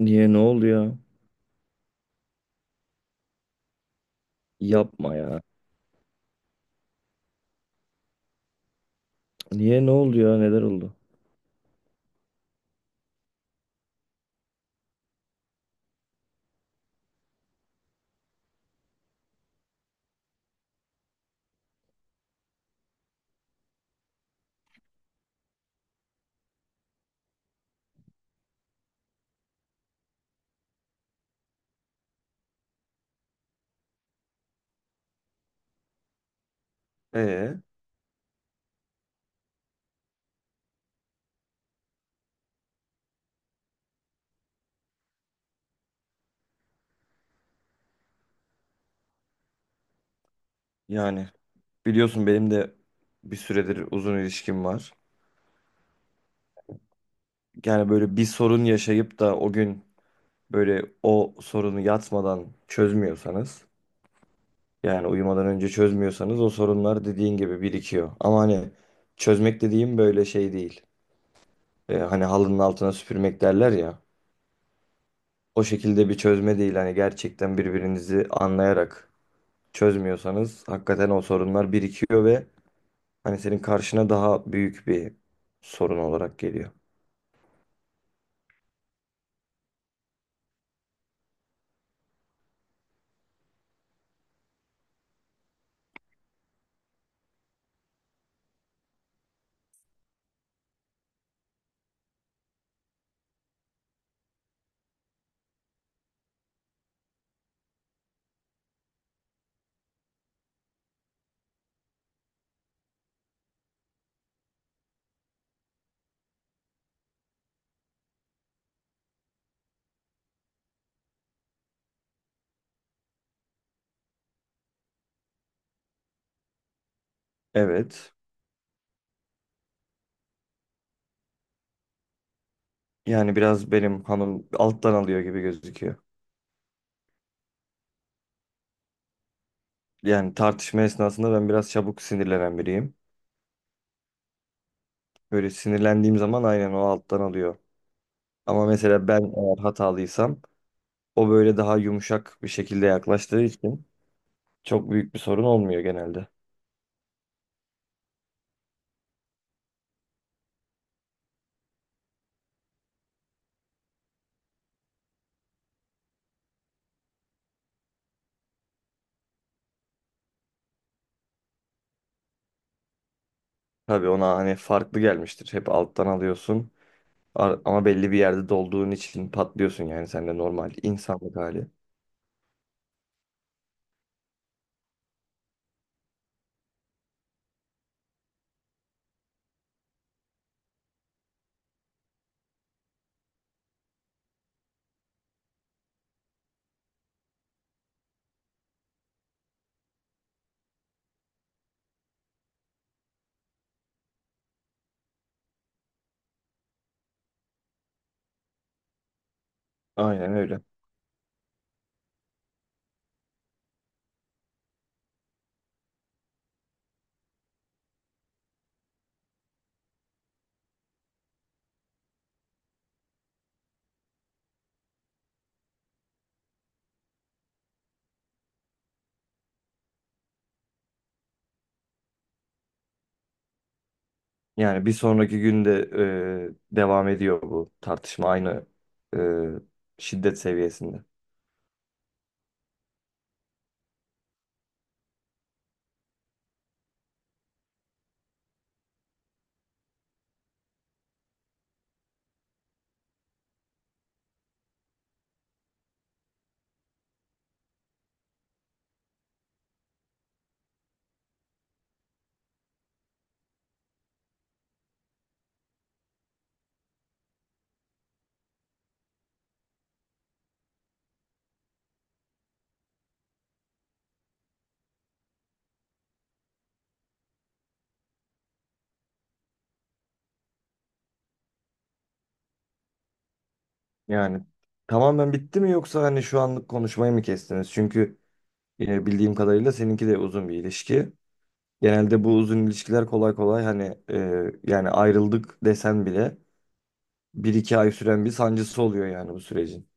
Niye ne oldu ya? Yapma ya. Niye ne oldu ya? Neler oldu? Ee, Yani biliyorsun benim de bir süredir uzun ilişkim var. Yani böyle bir sorun yaşayıp da o gün böyle o sorunu yatmadan çözmüyorsanız, yani uyumadan önce çözmüyorsanız o sorunlar dediğin gibi birikiyor. Ama hani çözmek dediğim böyle şey değil. Hani halının altına süpürmek derler ya. O şekilde bir çözme değil, hani gerçekten birbirinizi anlayarak çözmüyorsanız hakikaten o sorunlar birikiyor ve hani senin karşına daha büyük bir sorun olarak geliyor. Evet. Yani biraz benim hanım alttan alıyor gibi gözüküyor. Yani tartışma esnasında ben biraz çabuk sinirlenen biriyim. Böyle sinirlendiğim zaman aynen o alttan alıyor. Ama mesela ben eğer hatalıysam o böyle daha yumuşak bir şekilde yaklaştığı için çok büyük bir sorun olmuyor genelde. Tabii ona hani farklı gelmiştir. Hep alttan alıyorsun. Ama belli bir yerde dolduğun için patlıyorsun, yani sen de normal insanlık hali. Aynen öyle. Yani bir sonraki günde devam ediyor bu tartışma aynı e, şiddet seviyesinde. Yani tamamen bitti mi, yoksa hani şu anlık konuşmayı mı kestiniz? Çünkü bildiğim kadarıyla seninki de uzun bir ilişki. Genelde bu uzun ilişkiler kolay kolay hani yani ayrıldık desen bile bir iki ay süren bir sancısı oluyor yani bu sürecin.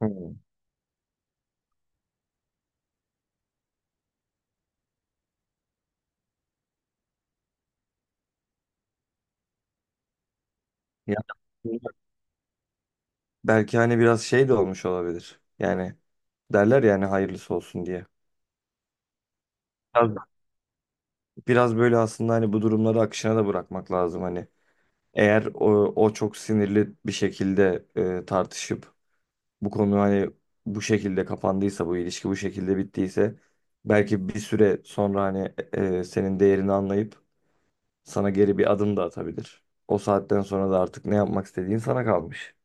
Hmm. Ya, belki hani biraz şey de olmuş olabilir. Yani derler yani, hayırlısı olsun diye. Biraz, biraz böyle aslında hani bu durumları akışına da bırakmak lazım hani. Eğer o çok sinirli bir şekilde tartışıp bu konu hani bu şekilde kapandıysa, bu ilişki bu şekilde bittiyse belki bir süre sonra hani senin değerini anlayıp sana geri bir adım da atabilir. O saatten sonra da artık ne yapmak istediğin sana kalmış.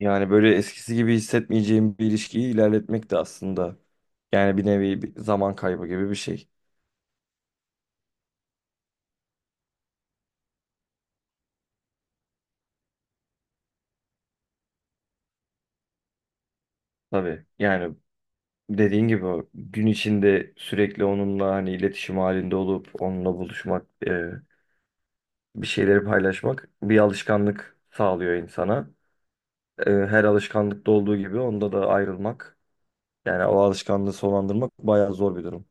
Yani böyle eskisi gibi hissetmeyeceğim bir ilişkiyi ilerletmek de aslında yani bir nevi bir zaman kaybı gibi bir şey. Tabii, yani dediğin gibi o gün içinde sürekli onunla hani iletişim halinde olup onunla buluşmak, bir şeyleri paylaşmak bir alışkanlık sağlıyor insana. E, her alışkanlıkta olduğu gibi onda da ayrılmak, yani o alışkanlığı sonlandırmak bayağı zor bir durum.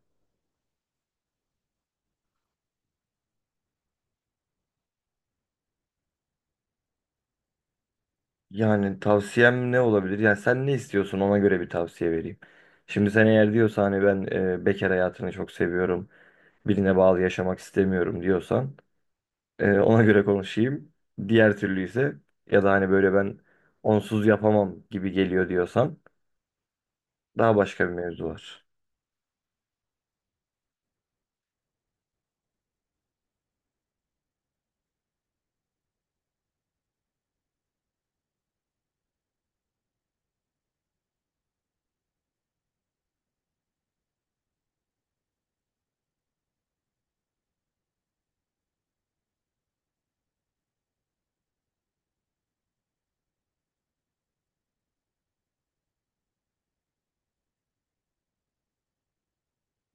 Yani tavsiyem ne olabilir? Yani sen ne istiyorsun, ona göre bir tavsiye vereyim. Şimdi sen eğer diyorsan hani ben bekar hayatını çok seviyorum, birine bağlı yaşamak istemiyorum diyorsan ona göre konuşayım. Diğer türlü ise, ya da hani böyle ben onsuz yapamam gibi geliyor diyorsan daha başka bir mevzu var.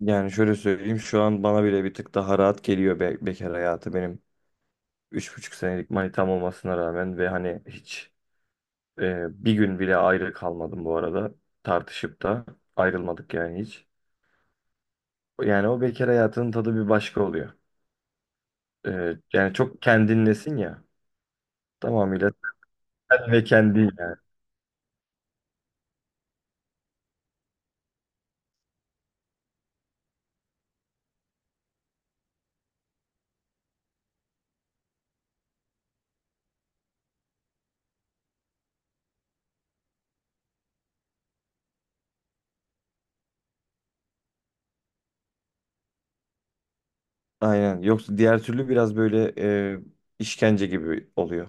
Yani şöyle söyleyeyim, şu an bana bile bir tık daha rahat geliyor be, bekar hayatı, benim 3,5 senelik manitam olmasına rağmen ve hani hiç bir gün bile ayrı kalmadım bu arada. Tartışıp da ayrılmadık yani hiç. Yani o bekar hayatının tadı bir başka oluyor. Yani çok kendinlesin ya. Tamamıyla sen ve kendin ya. Aynen. Yoksa diğer türlü biraz böyle e, işkence gibi oluyor.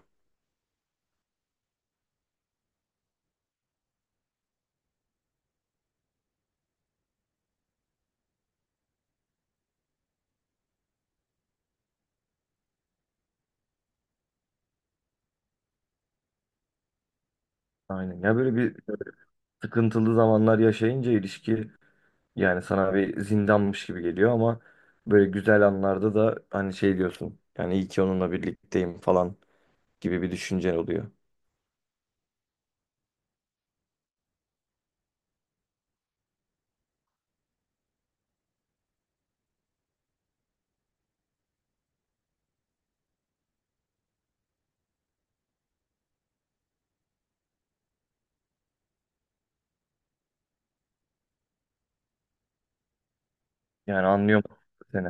Aynen. Ya böyle bir sıkıntılı zamanlar yaşayınca ilişki yani sana bir zindanmış gibi geliyor, ama böyle güzel anlarda da hani şey diyorsun. Yani iyi ki onunla birlikteyim falan gibi bir düşüncen oluyor. Yani anlıyorum seni.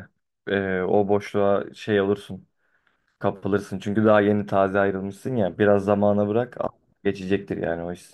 O boşluğa şey olursun, kapılırsın. Çünkü daha yeni taze ayrılmışsın ya. Biraz zamana bırak, geçecektir yani o iş.